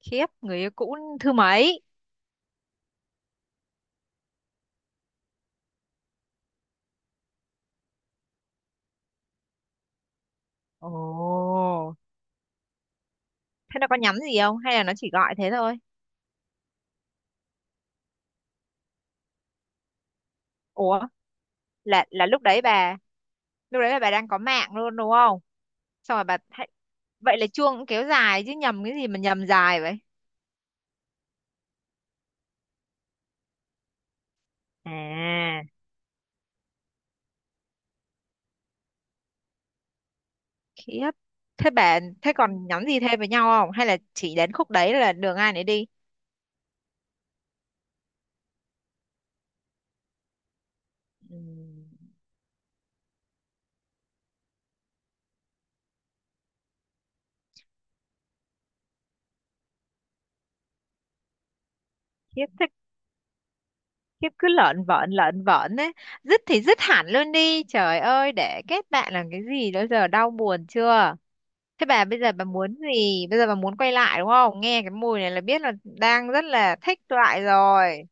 Khiếp, người yêu cũ thứ mấy? Ồ. Thế nó có nhắn gì không hay là nó chỉ gọi thế thôi? Ủa, là lúc đấy bà, lúc đấy là bà đang có mạng luôn đúng không? Xong rồi bà thấy- Vậy là chuông cũng kéo dài chứ nhầm cái gì mà nhầm dài vậy? À. Khiếp thế, bà còn nhắn gì thêm với nhau không hay là chỉ đến khúc đấy là đường ai nấy đi? Ừm. Khiếp thế. Khiếp, cứ lợn vợn đấy, dứt thì dứt hẳn luôn đi, trời ơi, để kết bạn làm cái gì, đó giờ đau buồn chưa. Thế bà bây giờ bà muốn gì? Bây giờ bà muốn quay lại đúng không? Nghe cái mùi này là biết là đang rất là thích lại rồi.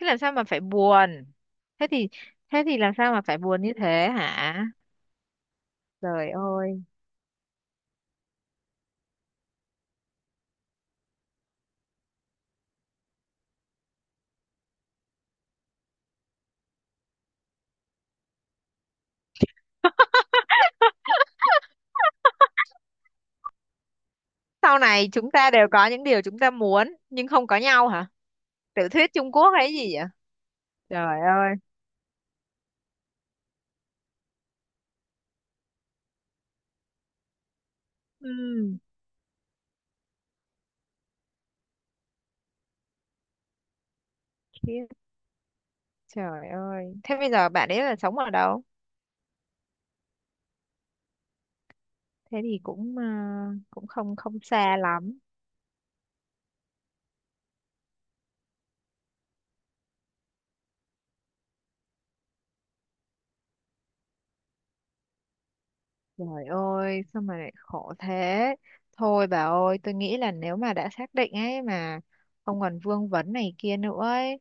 Thế làm sao mà phải buồn? Thế thì thế thì làm sao mà phải buồn như thế hả? Trời ơi. Sau này chúng ta đều có những điều chúng ta muốn nhưng không có nhau hả? Tiểu thuyết Trung Quốc hay gì vậy? Trời ơi. Ừ. Khiếp. Trời ơi. Thế bây giờ bạn ấy là sống ở đâu? Thế thì cũng cũng không không xa lắm. Trời ơi, sao mà lại khổ thế? Thôi bà ơi, tôi nghĩ là nếu mà đã xác định ấy mà không còn vương vấn này kia nữa ấy,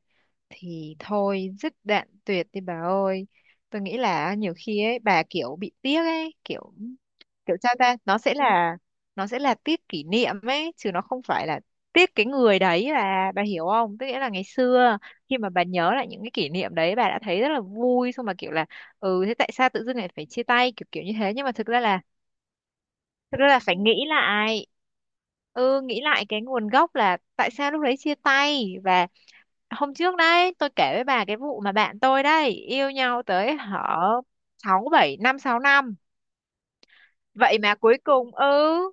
thì thôi dứt đoạn tuyệt đi bà ơi. Tôi nghĩ là nhiều khi ấy bà kiểu bị tiếc ấy, kiểu kiểu sao ta nó sẽ là tiếc kỷ niệm ấy chứ nó không phải là tiếc cái người đấy, là bà hiểu không, tức nghĩa là ngày xưa khi mà bà nhớ lại những cái kỷ niệm đấy bà đã thấy rất là vui, xong mà kiểu là ừ thế tại sao tự dưng lại phải chia tay kiểu kiểu như thế, nhưng mà thực ra là phải nghĩ lại, ừ, nghĩ lại cái nguồn gốc là tại sao lúc đấy chia tay. Và hôm trước đấy tôi kể với bà cái vụ mà bạn tôi đấy yêu nhau tới hở 6-7 năm, 6 năm vậy mà cuối cùng ừ.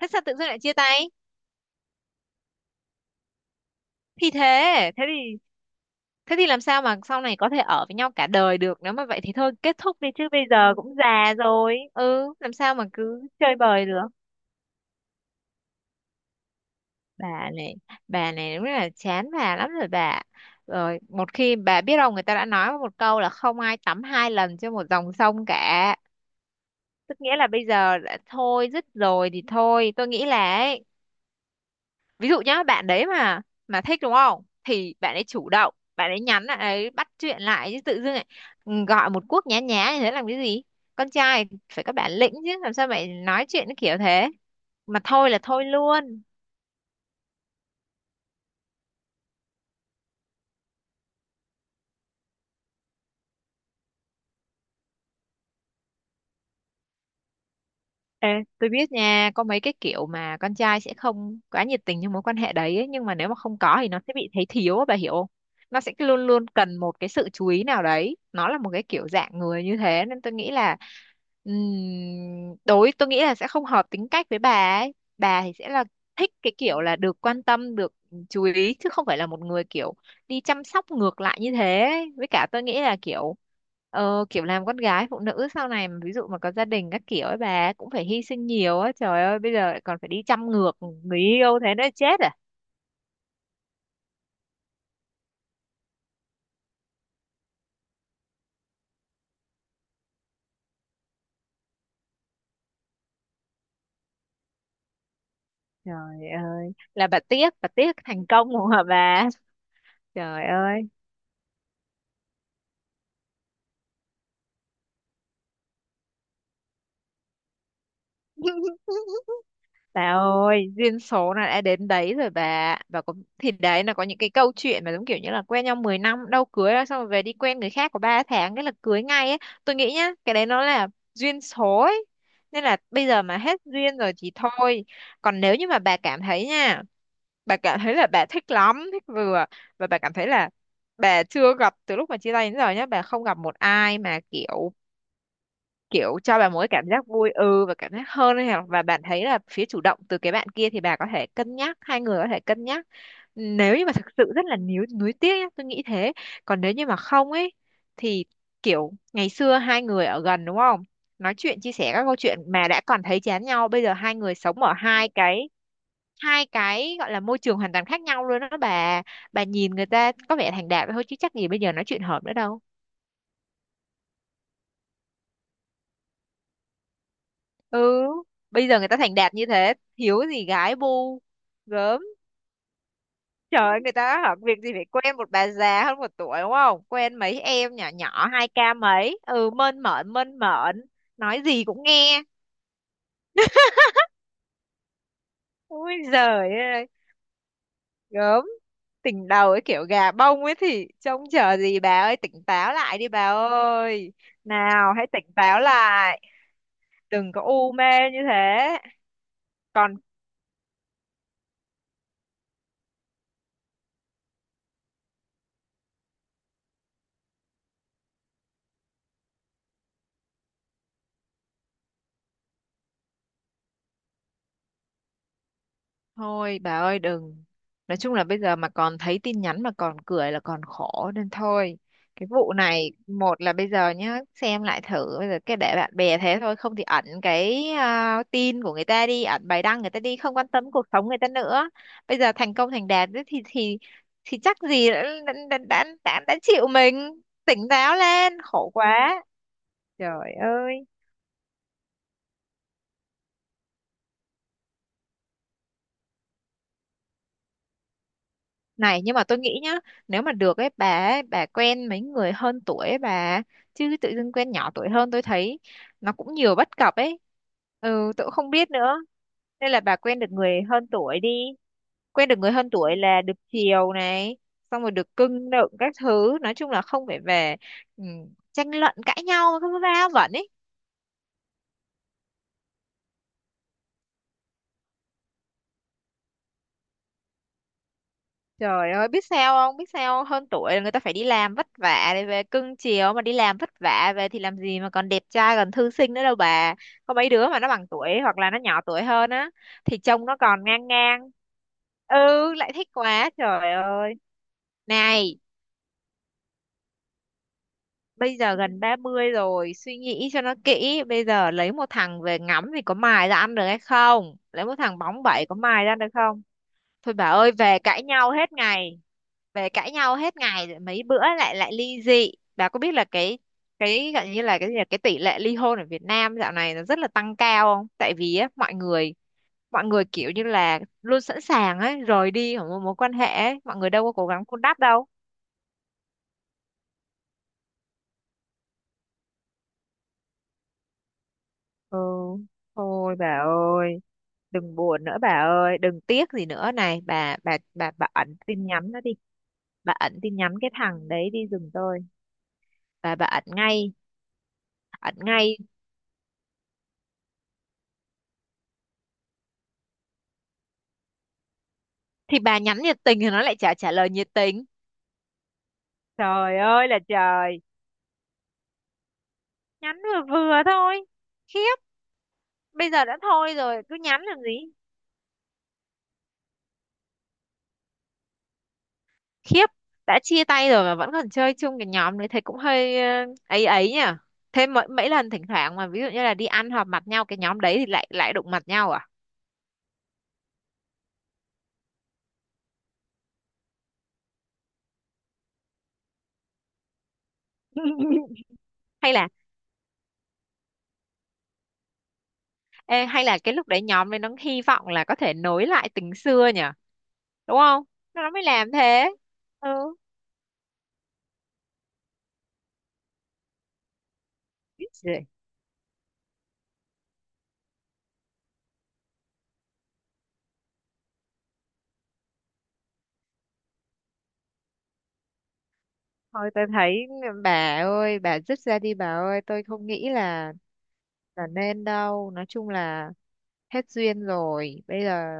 Thế sao tự dưng lại chia tay? Thì thế thế thì thế thì làm sao mà sau này có thể ở với nhau cả đời được, nếu mà vậy thì thôi kết thúc đi chứ, bây giờ cũng già rồi, ừ, làm sao mà cứ chơi bời được. Bà này bà này đúng là chán bà lắm rồi bà. Rồi một khi bà, biết đâu người ta đã nói một câu là không ai tắm hai lần trên một dòng sông cả. Tức nghĩa là bây giờ đã thôi dứt rồi thì thôi, tôi nghĩ là ấy, ví dụ nhá, bạn đấy mà thích đúng không, thì bạn ấy chủ động bạn ấy nhắn lại ấy, bắt chuyện lại, chứ tự dưng lại gọi một cuộc nhá nhá như thế làm cái gì. Con trai phải có bản lĩnh chứ, làm sao mày nói chuyện nó kiểu thế mà thôi là thôi luôn. Ê, tôi biết nha, có mấy cái kiểu mà con trai sẽ không quá nhiệt tình trong mối quan hệ đấy ấy, nhưng mà nếu mà không có thì nó sẽ bị thấy thiếu á, bà hiểu không? Nó sẽ luôn luôn cần một cái sự chú ý nào đấy, nó là một cái kiểu dạng người như thế, nên tôi nghĩ là đối tôi nghĩ là sẽ không hợp tính cách với bà ấy. Bà thì sẽ là thích cái kiểu là được quan tâm, được chú ý, chứ không phải là một người kiểu đi chăm sóc ngược lại như thế ấy. Với cả tôi nghĩ là kiểu làm con gái, phụ nữ sau này mà ví dụ mà có gia đình các kiểu ấy, bà cũng phải hy sinh nhiều á, trời ơi bây giờ lại còn phải đi chăm ngược người yêu, thế nó chết à. Trời ơi là bà tiếc thành công của bà. Trời ơi. Bà ơi, duyên số là đã đến đấy rồi bà. Bà có thì đấy, là có những cái câu chuyện mà giống kiểu như là quen nhau 10 năm đâu, cưới ra xong rồi về đi quen người khác có 3 tháng cái là cưới ngay ấy. Tôi nghĩ nhá, cái đấy nó là duyên số ấy. Nên là bây giờ mà hết duyên rồi thì thôi. Còn nếu như mà bà cảm thấy nha, bà cảm thấy là bà thích lắm, thích vừa, và bà cảm thấy là bà chưa gặp từ lúc mà chia tay đến giờ nhá, bà không gặp một ai mà kiểu kiểu cho bà một cái cảm giác vui ừ và cảm giác hơn ấy hả? Và bạn thấy là phía chủ động từ cái bạn kia, thì bà có thể cân nhắc, hai người có thể cân nhắc, nếu như mà thực sự rất là níu nuối tiếc nhá, tôi nghĩ thế. Còn nếu như mà không ấy thì kiểu, ngày xưa hai người ở gần đúng không, nói chuyện chia sẻ các câu chuyện mà đã còn thấy chán nhau, bây giờ hai người sống ở hai cái gọi là môi trường hoàn toàn khác nhau luôn đó bà. Bà nhìn người ta có vẻ thành đạt thôi chứ chắc gì bây giờ nói chuyện hợp nữa đâu. Ừ, bây giờ người ta thành đạt như thế thiếu gì gái bu, gớm, trời ơi, người ta hả, việc gì phải quen một bà già hơn 1 tuổi đúng không, quen mấy em nhỏ nhỏ 2k mấy, ừ, mơn mởn mơn mởn, nói gì cũng nghe. Ôi giời ơi, gớm, tỉnh đầu ấy kiểu gà bông ấy thì trông chờ gì bà ơi, tỉnh táo lại đi bà ơi, nào hãy tỉnh táo lại, đừng có u mê như thế. Còn thôi bà ơi, đừng. Nói chung là bây giờ mà còn thấy tin nhắn mà còn cười là còn khổ nên thôi. Cái vụ này, một là bây giờ nhá, xem lại thử bây giờ cái để bạn bè thế thôi, không thì ẩn cái à, tin của người ta đi, ẩn bài đăng người ta đi, không quan tâm cuộc sống người ta nữa. Bây giờ thành công thành đạt ấy thì chắc gì đã chịu mình, tỉnh táo lên, khổ quá. Trời ơi. Này, nhưng mà tôi nghĩ nhá, nếu mà được ấy, bà quen mấy người hơn tuổi ấy, bà. Chứ tự dưng quen nhỏ tuổi hơn, tôi thấy nó cũng nhiều bất cập ấy. Ừ, tôi cũng không biết nữa. Nên là bà quen được người hơn tuổi đi. Quen được người hơn tuổi là được chiều này, xong rồi được cưng nựng các thứ. Nói chung là không phải về, ừ, tranh luận cãi nhau, cái va vẩn ấy. Trời ơi, biết sao không? Biết sao không? Hơn tuổi là người ta phải đi làm vất vả để về cưng chiều, mà đi làm vất vả về thì làm gì mà còn đẹp trai, còn thư sinh nữa đâu bà. Có mấy đứa mà nó bằng tuổi hoặc là nó nhỏ tuổi hơn á, thì trông nó còn ngang ngang. Ừ, lại thích quá trời ơi. Này, bây giờ gần 30 rồi, suy nghĩ cho nó kỹ, bây giờ lấy một thằng về ngắm thì có mài ra ăn được hay không? Lấy một thằng bóng bẩy có mài ra ăn được không? Thôi bà ơi, về cãi nhau hết ngày. Về cãi nhau hết ngày rồi mấy bữa lại lại ly dị, bà có biết là cái gọi như là cái gì, là cái tỷ lệ ly hôn ở Việt Nam dạo này nó rất là tăng cao không, tại vì á, mọi người kiểu như là luôn sẵn sàng ấy rời đi khỏi một mối quan hệ ấy. Mọi người đâu có cố gắng vun đắp đâu. Ừ, thôi bà ơi, đừng buồn nữa bà ơi, đừng tiếc gì nữa này bà ẩn tin nhắn nó đi. Bà ẩn tin nhắn cái thằng đấy đi giùm tôi. Bà ẩn ngay, ẩn ngay. Thì bà nhắn nhiệt tình thì nó lại chả trả lời nhiệt tình. Trời ơi là trời, nhắn vừa vừa thôi. Khiếp, bây giờ đã thôi rồi, cứ nhắn làm gì? Khiếp, đã chia tay rồi mà vẫn còn chơi chung cái nhóm đấy thấy cũng hơi ấy ấy nhỉ. Thế mấy, mấy lần thỉnh thoảng mà ví dụ như là đi ăn họp mặt nhau cái nhóm đấy thì lại lại đụng mặt nhau à? Hay là, ê, hay là cái lúc đấy nhóm đấy nó hy vọng là có thể nối lại tình xưa nhỉ? Đúng không? Nó mới làm thế. Ừ. Thôi tôi thấy bà ơi, bà dứt ra đi bà ơi, tôi không nghĩ là nên đâu, nói chung là hết duyên rồi. Bây giờ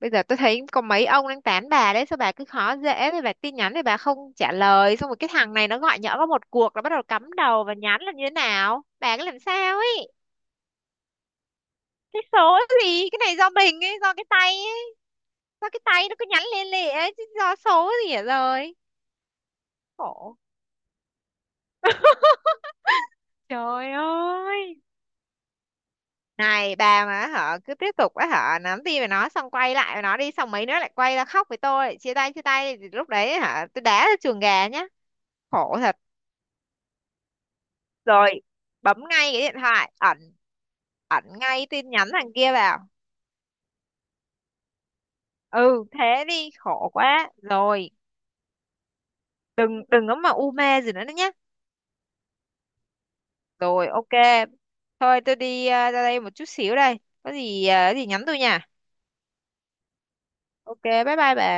bây giờ tôi thấy có mấy ông đang tán bà đấy, sao bà cứ khó dễ, thì bà tin nhắn thì bà không trả lời, xong rồi cái thằng này nó gọi nhỡ có một cuộc nó bắt đầu cắm đầu và nhắn là như thế nào, bà cứ làm sao ấy. Cái số gì, cái này do mình ấy, do cái tay ấy, do cái tay nó cứ nhắn lên lệ ấy chứ do số gì ở rồi. Khổ, trời ơi. Này bà, mà họ cứ tiếp tục á, họ nắm tay với nó xong quay lại với nó đi, xong mấy nữa lại quay ra khóc với tôi chia tay chia tay, thì lúc đấy hả tôi đá ra chuồng gà nhá. Khổ thật. Rồi, bấm ngay cái điện thoại, ẩn. Ẩn ngay tin nhắn thằng kia vào. Ừ thế đi, khổ quá rồi. Đừng có mà u mê gì nữa nhá. Rồi ok. Thôi tôi đi ra đây một chút xíu, đây có gì nhắn tôi nha. Ok bye bye bà.